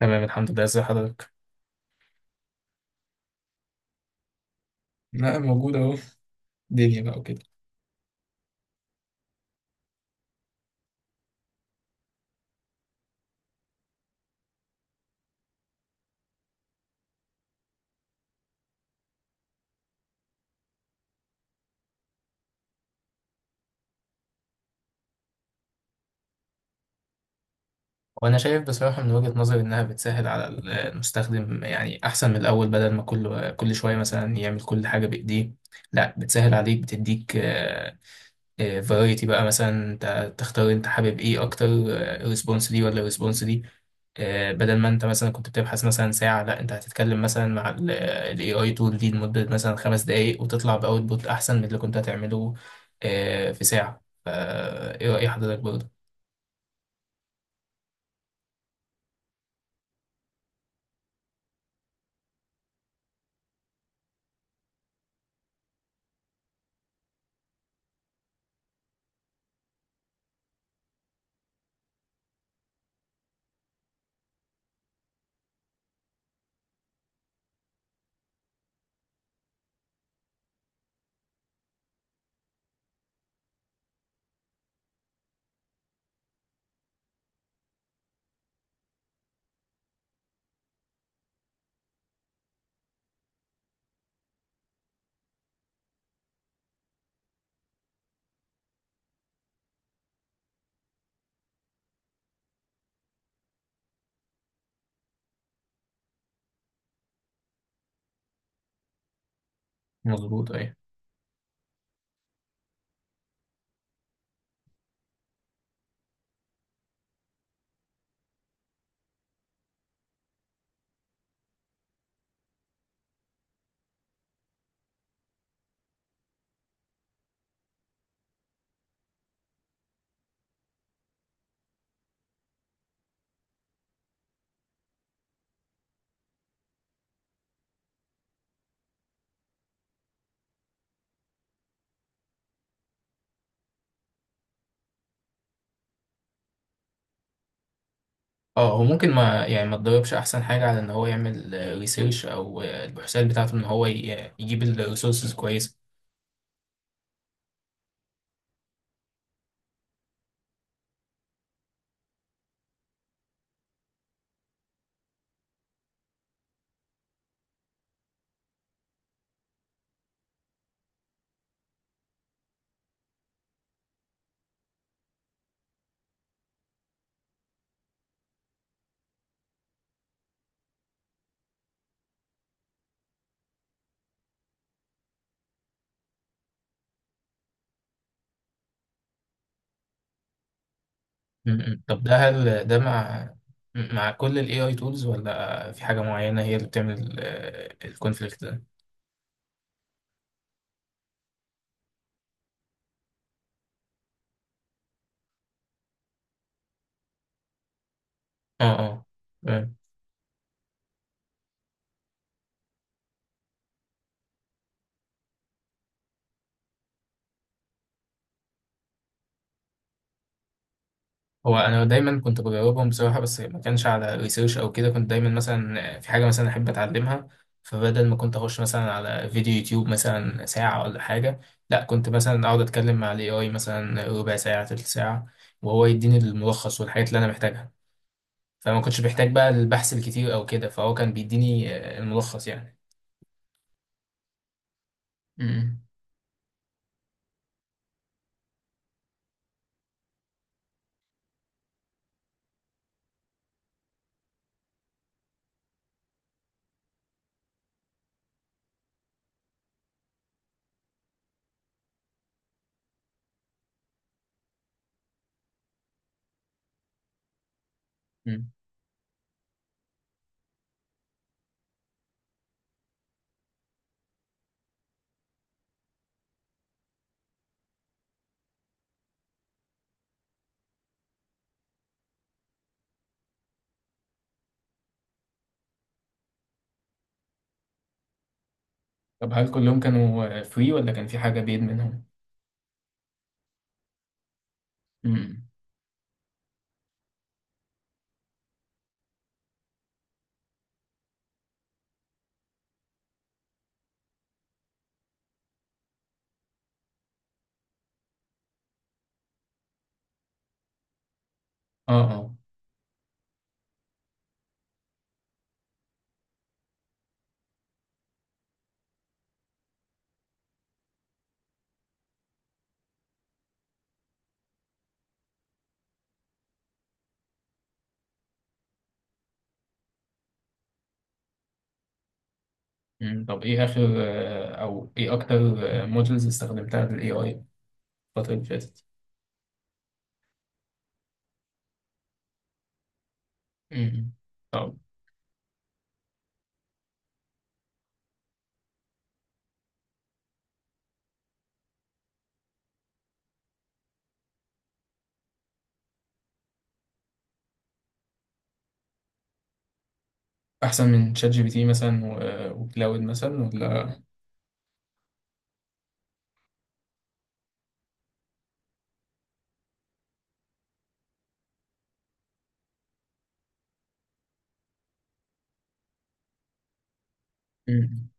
تمام الحمد لله، ازي حضرتك. لا موجود اهو. دنيا بقى وكده. وانا شايف بصراحة من وجهة نظري انها بتسهل على المستخدم، يعني احسن من الاول. بدل ما كل شوية مثلا يعمل كل حاجة بايديه، لا بتسهل عليك. بتديك فرايتي بقى مثلا انت تختار انت حابب ايه اكتر، ريسبونس دي ولا ريسبونس دي. بدل ما انت مثلا كنت بتبحث مثلا ساعة، لا انت هتتكلم مثلا مع الاي اي تول دي لمدة مثلا خمس دقايق وتطلع باوتبوت احسن من اللي كنت هتعمله في ساعة. فا ايه رأي حضرتك برضه؟ مظبوط ايه. اه، هو ممكن ما يعني ما تدربش احسن حاجة على ان هو يعمل ريسيرش او البحوثات بتاعته ان هو يجيب الريسورسز كويسة. مم. طب ده، هل ده مع مع كل ال AI tools ولا في حاجة معينة هي اللي بتعمل الكونفليكت ده؟ اه اه. تمام. هو أنا دايما كنت بجاوبهم بصراحة، بس ما كانش على ريسيرش أو كده. كنت دايما مثلا في حاجة مثلا أحب أتعلمها، فبدل ما كنت أخش مثلا على فيديو يوتيوب مثلا ساعة ولا حاجة، لا كنت مثلا أقعد أتكلم مع ال AI مثلا ربع ساعة تلت ساعة وهو يديني الملخص والحاجات اللي أنا محتاجها. فما كنتش بحتاج بقى البحث الكتير أو كده، فهو كان بيديني الملخص يعني. امم. امم، طب هل كلهم كانوا فري ولا كان في حاجة بيد منهم؟ امم. اه اه. امم، طب ايه اخر او ايه اكتر مودلز استخدمتها بالاي اي الفترة اللي فاتت؟ امم. طب احسن من شات جي بي تي مثلا وكلاود مثلا ولا؟ امم.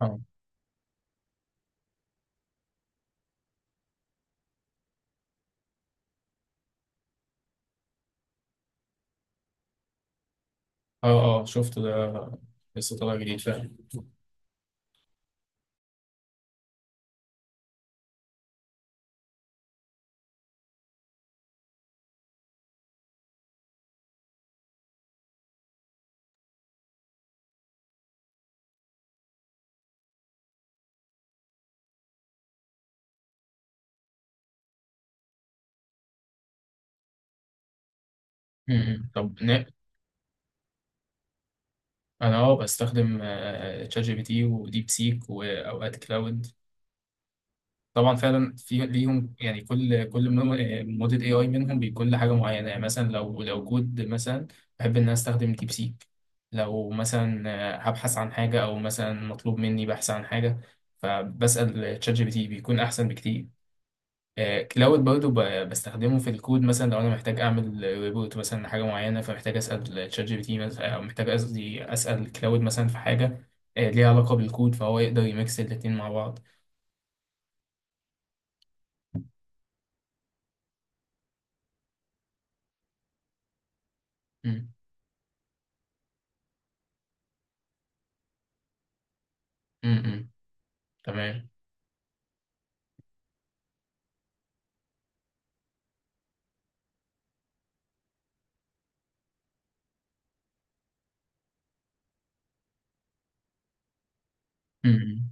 اه اه. اه شفت ده، لسه طالع جديد فعلا. امم، طب انا اه بستخدم شات جي بي تي وديب سيك واوقات كلاود. طبعا فعلا في ليهم، يعني كل موديل اي اي منهم بيكون لحاجه معينه. يعني مثلا لو كود مثلا، بحب ان انا استخدم ديب سيك. لو مثلا هبحث عن حاجه او مثلا مطلوب مني بحث عن حاجه، فبسال تشات جي بي تي بيكون احسن بكتير. كلاود برضه بستخدمه في الكود. مثلا لو انا محتاج اعمل ريبورت مثلا لحاجه معينه، فمحتاج اسال تشات جي بي تي مثلا، او محتاج قصدي اسال كلاود مثلا في حاجه ليها علاقه بالكود، فهو يقدر يميكس الاتنين مع بعض. م- م- م. تمام. امم،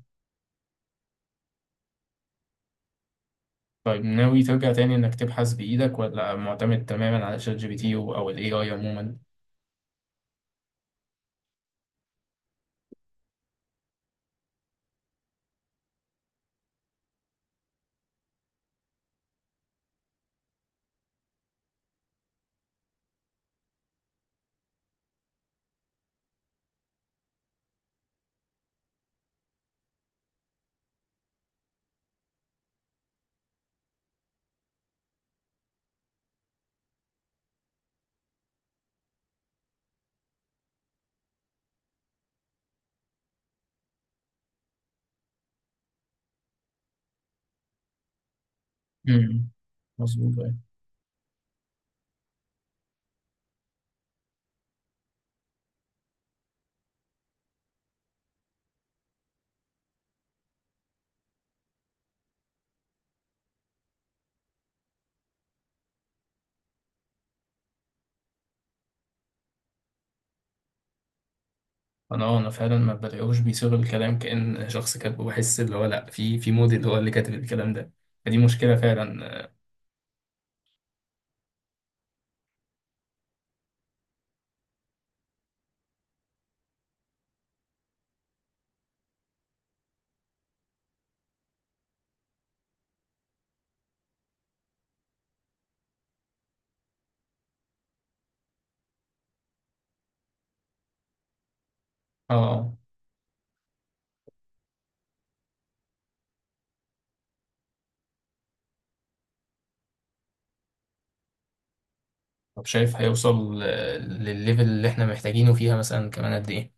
طيب ناوي ترجع تاني انك تبحث بايدك ولا معتمد تماما على شات جي بي تي او الاي اي عموما؟ امم. مظبوط أيوة. انا انا فعلا ما بلاقيهوش بيصيغ الكلام كأن شخص كاتبه. بحس اللي هو لا، في موديل هو اللي كاتب الكلام ده. فدي مشكلة فعلا. اه. آه. طب شايف هيوصل للليفل اللي احنا محتاجينه فيها مثلا كمان قد ايه؟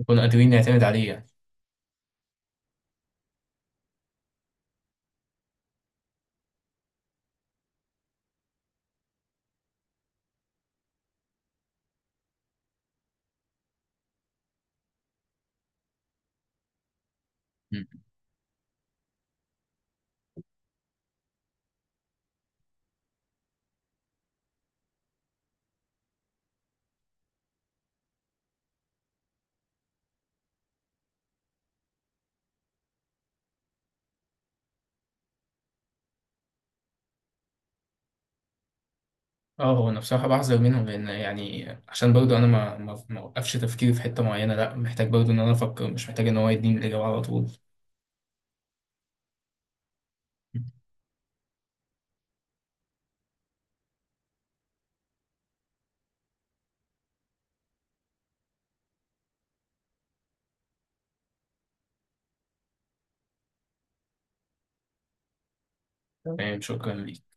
نكون قادرين نعتمد عليه يعني. اه، هو انا بصراحه بحذر منهم، لان يعني عشان برضه انا ما اوقفش تفكيري في حته معينه. لا محتاج برضه ان انا افكر، مش محتاج ان هو يديني الاجابه على طول. تمام، شكرا ليك.